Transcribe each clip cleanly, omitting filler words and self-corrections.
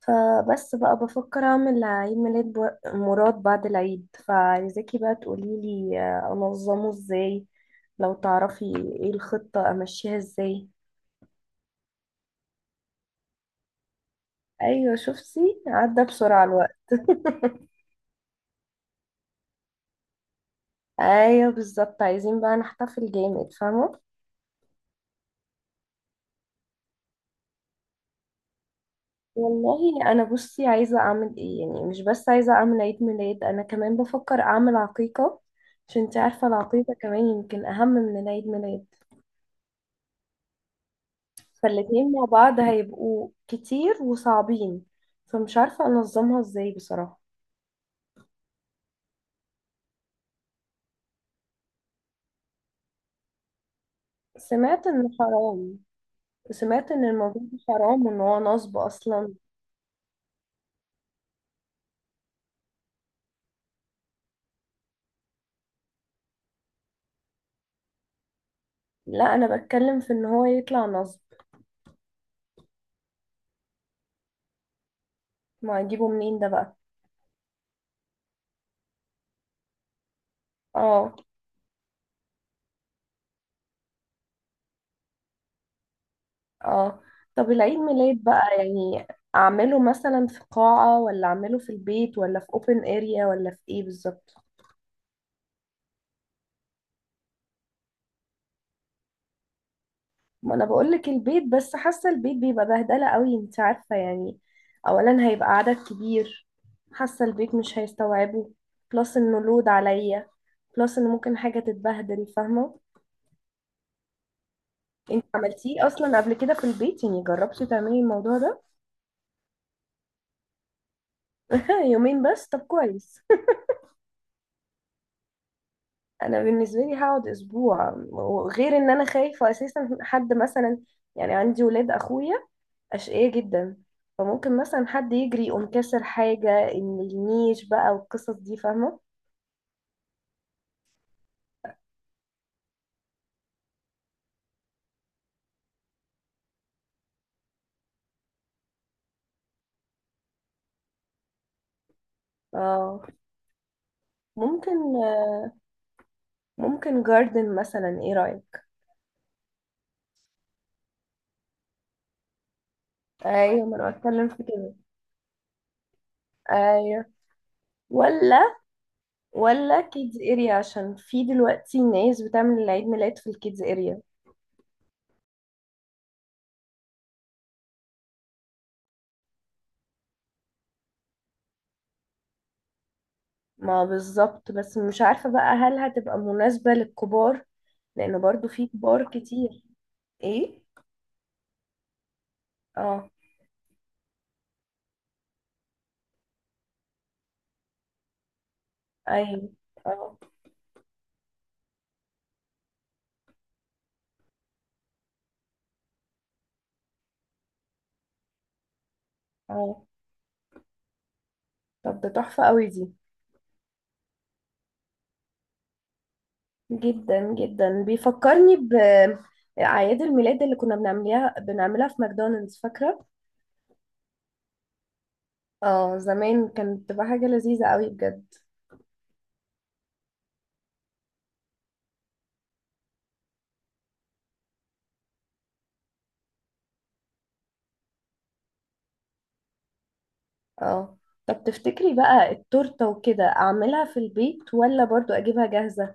فبس بقى بفكر اعمل عيد ميلاد مراد بعد العيد. فعايزاكي بقى تقوليلي انظمه ازاي لو تعرفي. ايه الخطة امشيها ازاي. ايوه، شفتي عدى بسرعة الوقت. ايوه بالظبط، عايزين بقى نحتفل جامد، فاهمة. والله انا بصي عايزة اعمل ايه يعني، مش بس عايزة اعمل عيد ميلاد، انا كمان بفكر اعمل عقيقة. عشان انتي عارفة، العقيقة كمان يمكن اهم من العيد ميلاد. فالاتنين مع بعض هيبقوا كتير وصعبين. فمش عارفة أنظمها ازاي بصراحة. سمعت إنه حرام. سمعت إن الموضوع ده حرام وإن هو نصب أصلا. لا، أنا بتكلم في إن هو يطلع نصب. ما أجيبه منين ده بقى. اه. اه. طب العيد ميلاد بقى يعني، أعمله مثلا في قاعة، ولا أعمله في البيت، ولا في open area، ولا في إيه بالظبط. ما انا بقول لك البيت، بس حاسه البيت بيبقى بهدله قوي، انت عارفه يعني. اولا هيبقى عدد كبير، حاسه البيت مش هيستوعبه. بلس انه لود عليا. بلس ان ممكن حاجه تتبهدل، فاهمه. انت عملتيه اصلا قبل كده في البيت؟ يعني جربتي تعملي الموضوع ده؟ يومين بس؟ طب كويس. انا بالنسبه لي هقعد اسبوع. وغير ان انا خايفه اساسا حد مثلا، يعني عندي ولاد اخويا، أشقية جدا، فممكن مثلا حد يجري يقوم كسر حاجة، إن النيش بقى والقصص دي، فاهمة. اه، ممكن. ممكن جاردن مثلا، ايه رأيك. ايوه، ما انا بتكلم في كده. ايوه. ولا. ولا كيدز اريا، عشان في دلوقتي ناس بتعمل العيد ميلاد في الكيدز اريا. ما بالظبط، بس مش عارفة بقى، هل هتبقى مناسبة للكبار؟ لأن برضو في كبار كتير. ايه. اه. ايوه. اه. اه، طب ده تحفة قوي دي. جدا جدا، بيفكرني بأعياد الميلاد اللي كنا بنعملها، بنعملها في ماكدونالدز، فاكرة؟ اه زمان، كانت بتبقى حاجة لذيذة قوي بجد. اه، طب تفتكري بقى التورتة وكده أعملها في البيت، ولا برضو أجيبها جاهزة؟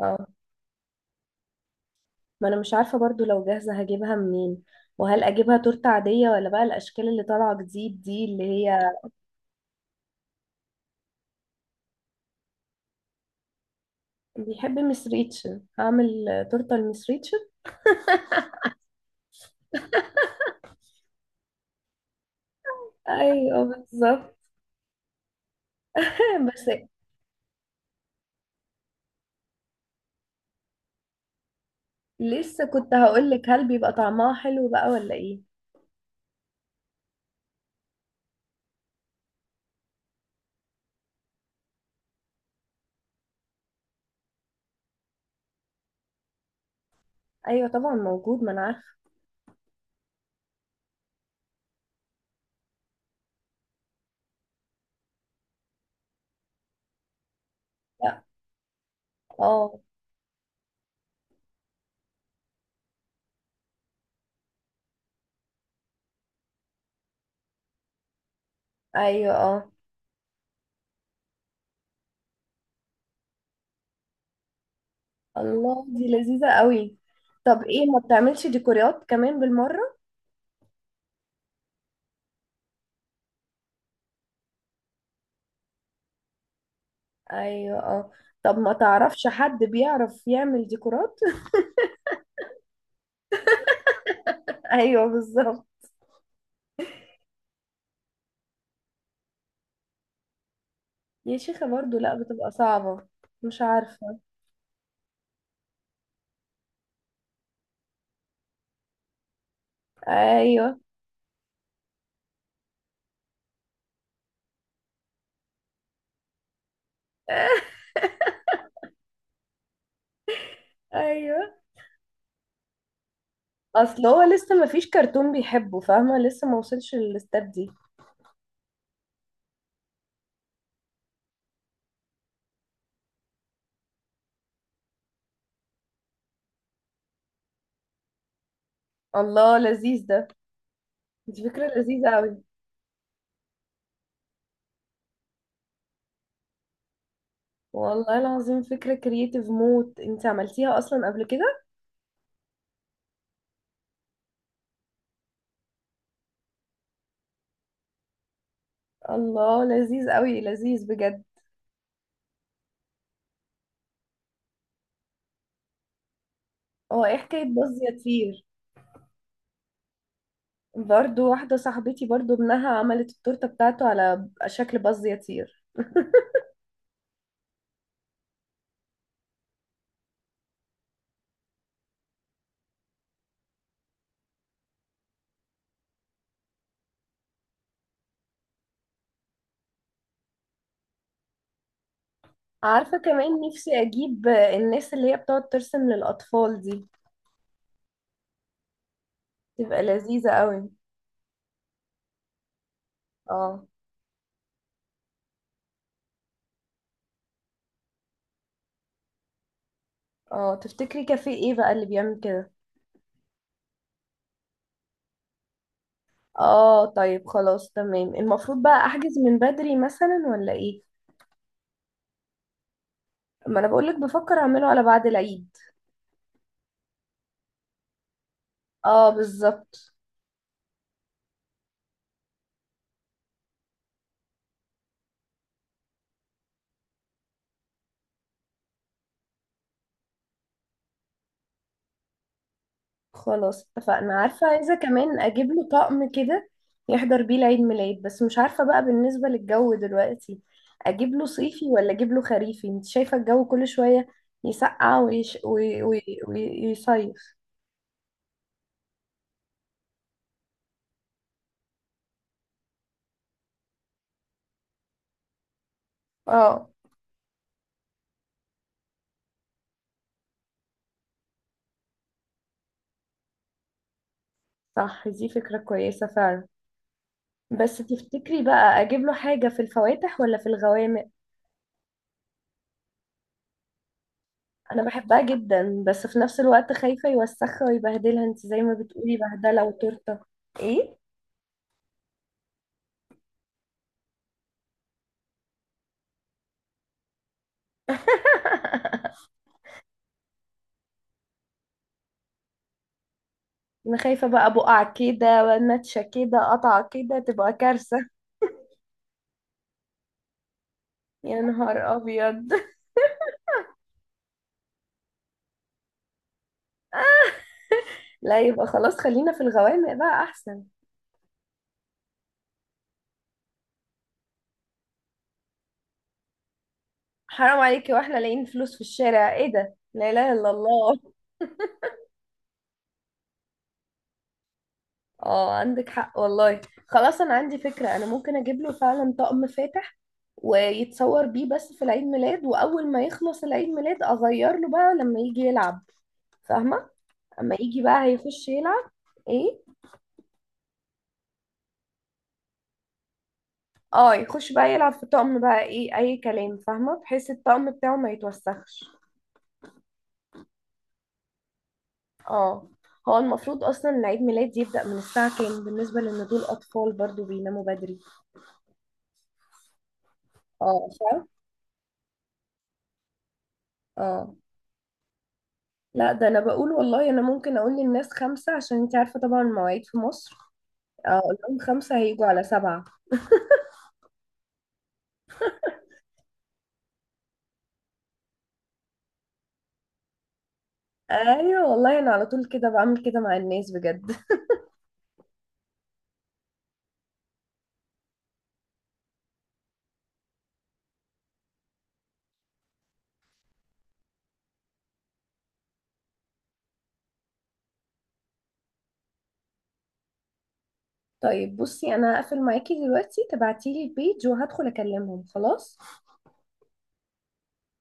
اه، ما أنا مش عارفة برضو لو جاهزة هجيبها منين. وهل أجيبها تورتة عادية، ولا بقى الأشكال اللي طالعة جديد دي، اللي هي، بيحب مس ريتشن، هعمل تورتة لمس ريتشن. أيوه بالظبط. بس لسه كنت هقولك، هل بيبقى طعمها حلو بقى ولا ايه؟ ايوه طبعا موجود، ما انا عارفه. لا. اه. ايوه، اه. الله، دي لذيذه قوي. طب ايه ما بتعملش ديكورات كمان بالمره؟ ايوه، اه. طب ما تعرفش حد بيعرف يعمل ديكورات؟ ايوه بالظبط. يا شيخه برضو لا، بتبقى صعبه. مش عارفه. ايوه. ايوه. اصل هو لسه ما فيش كرتون بيحبه، فاهمه، لسه ما وصلش للاستاد دي. الله، لذيذ ده. دي فكره لذيذه قوي. والله العظيم فكرة كرييتيف موت. انت عملتيها اصلا قبل كده؟ الله، لذيذ قوي، لذيذ بجد. هو ايه حكاية باز يا طير؟ برضو واحدة صاحبتي برضو ابنها عملت التورتة بتاعته على شكل باز يا طير. عارفة، كمان نفسي اجيب الناس اللي هي بتقعد ترسم للاطفال دي. تبقى لذيذة قوي. اه. اه، تفتكري كافيه ايه بقى اللي بيعمل كده؟ اه، طيب خلاص، تمام. المفروض بقى احجز من بدري مثلا، ولا ايه؟ ما انا بقولك بفكر اعمله على بعد العيد. اه بالظبط. خلاص اتفقنا. عارفة، عايزة كمان اجيب له طقم كده يحضر بيه العيد ميلاد، بس مش عارفة بقى بالنسبة للجو دلوقتي، اجيب له صيفي ولا اجيب له خريفي؟ انت شايفة الجو كل شوية يسقع ويش... وي... وي... وي... ويصيف. اه. صح، دي فكرة كويسة فعلا. بس تفتكري بقى اجيب له حاجة في الفواتح ولا في الغوامق؟ انا بحبها جدا، بس في نفس الوقت خايفة يوسخها ويبهدلها. انت زي ما بتقولي، بهدلة وتورتة. ايه. انا خايفة بقى بقع كده، نتشة كده، قطع كده، تبقى كارثة. يا نهار ابيض. لا، يبقى خلاص خلينا في الغوامق بقى احسن. حرام عليكي، واحنا لاقيين فلوس في الشارع؟ ايه ده، لا اله الا الله. اه، عندك حق والله. خلاص، انا عندي فكرة. انا ممكن اجيب له فعلا طقم فاتح ويتصور بيه بس في العيد ميلاد، واول ما يخلص العيد ميلاد اغير له بقى لما يجي يلعب، فاهمة؟ اما يجي بقى هيخش يلعب، ايه. اه، يخش بقى يلعب في الطقم بقى ايه اي كلام، فاهمه، بحيث الطقم بتاعه ما يتوسخش. اه. هو المفروض اصلا إن عيد ميلاد يبدأ من الساعه كام؟ بالنسبه لان دول اطفال برضو بيناموا بدري. اه، فاهم. اه لا، ده انا بقول والله، انا ممكن اقول للناس 5 عشان انت عارفه طبعا المواعيد في مصر. اه، اقول لهم 5 هيجوا على 7. ايوه والله، انا على طول كده بعمل كده مع الناس بجد. طيب بصي، انا هقفل معاكي دلوقتي، تبعتيلي البيج وهدخل اكلمهم، خلاص.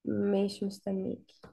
ماشي، مستنيك.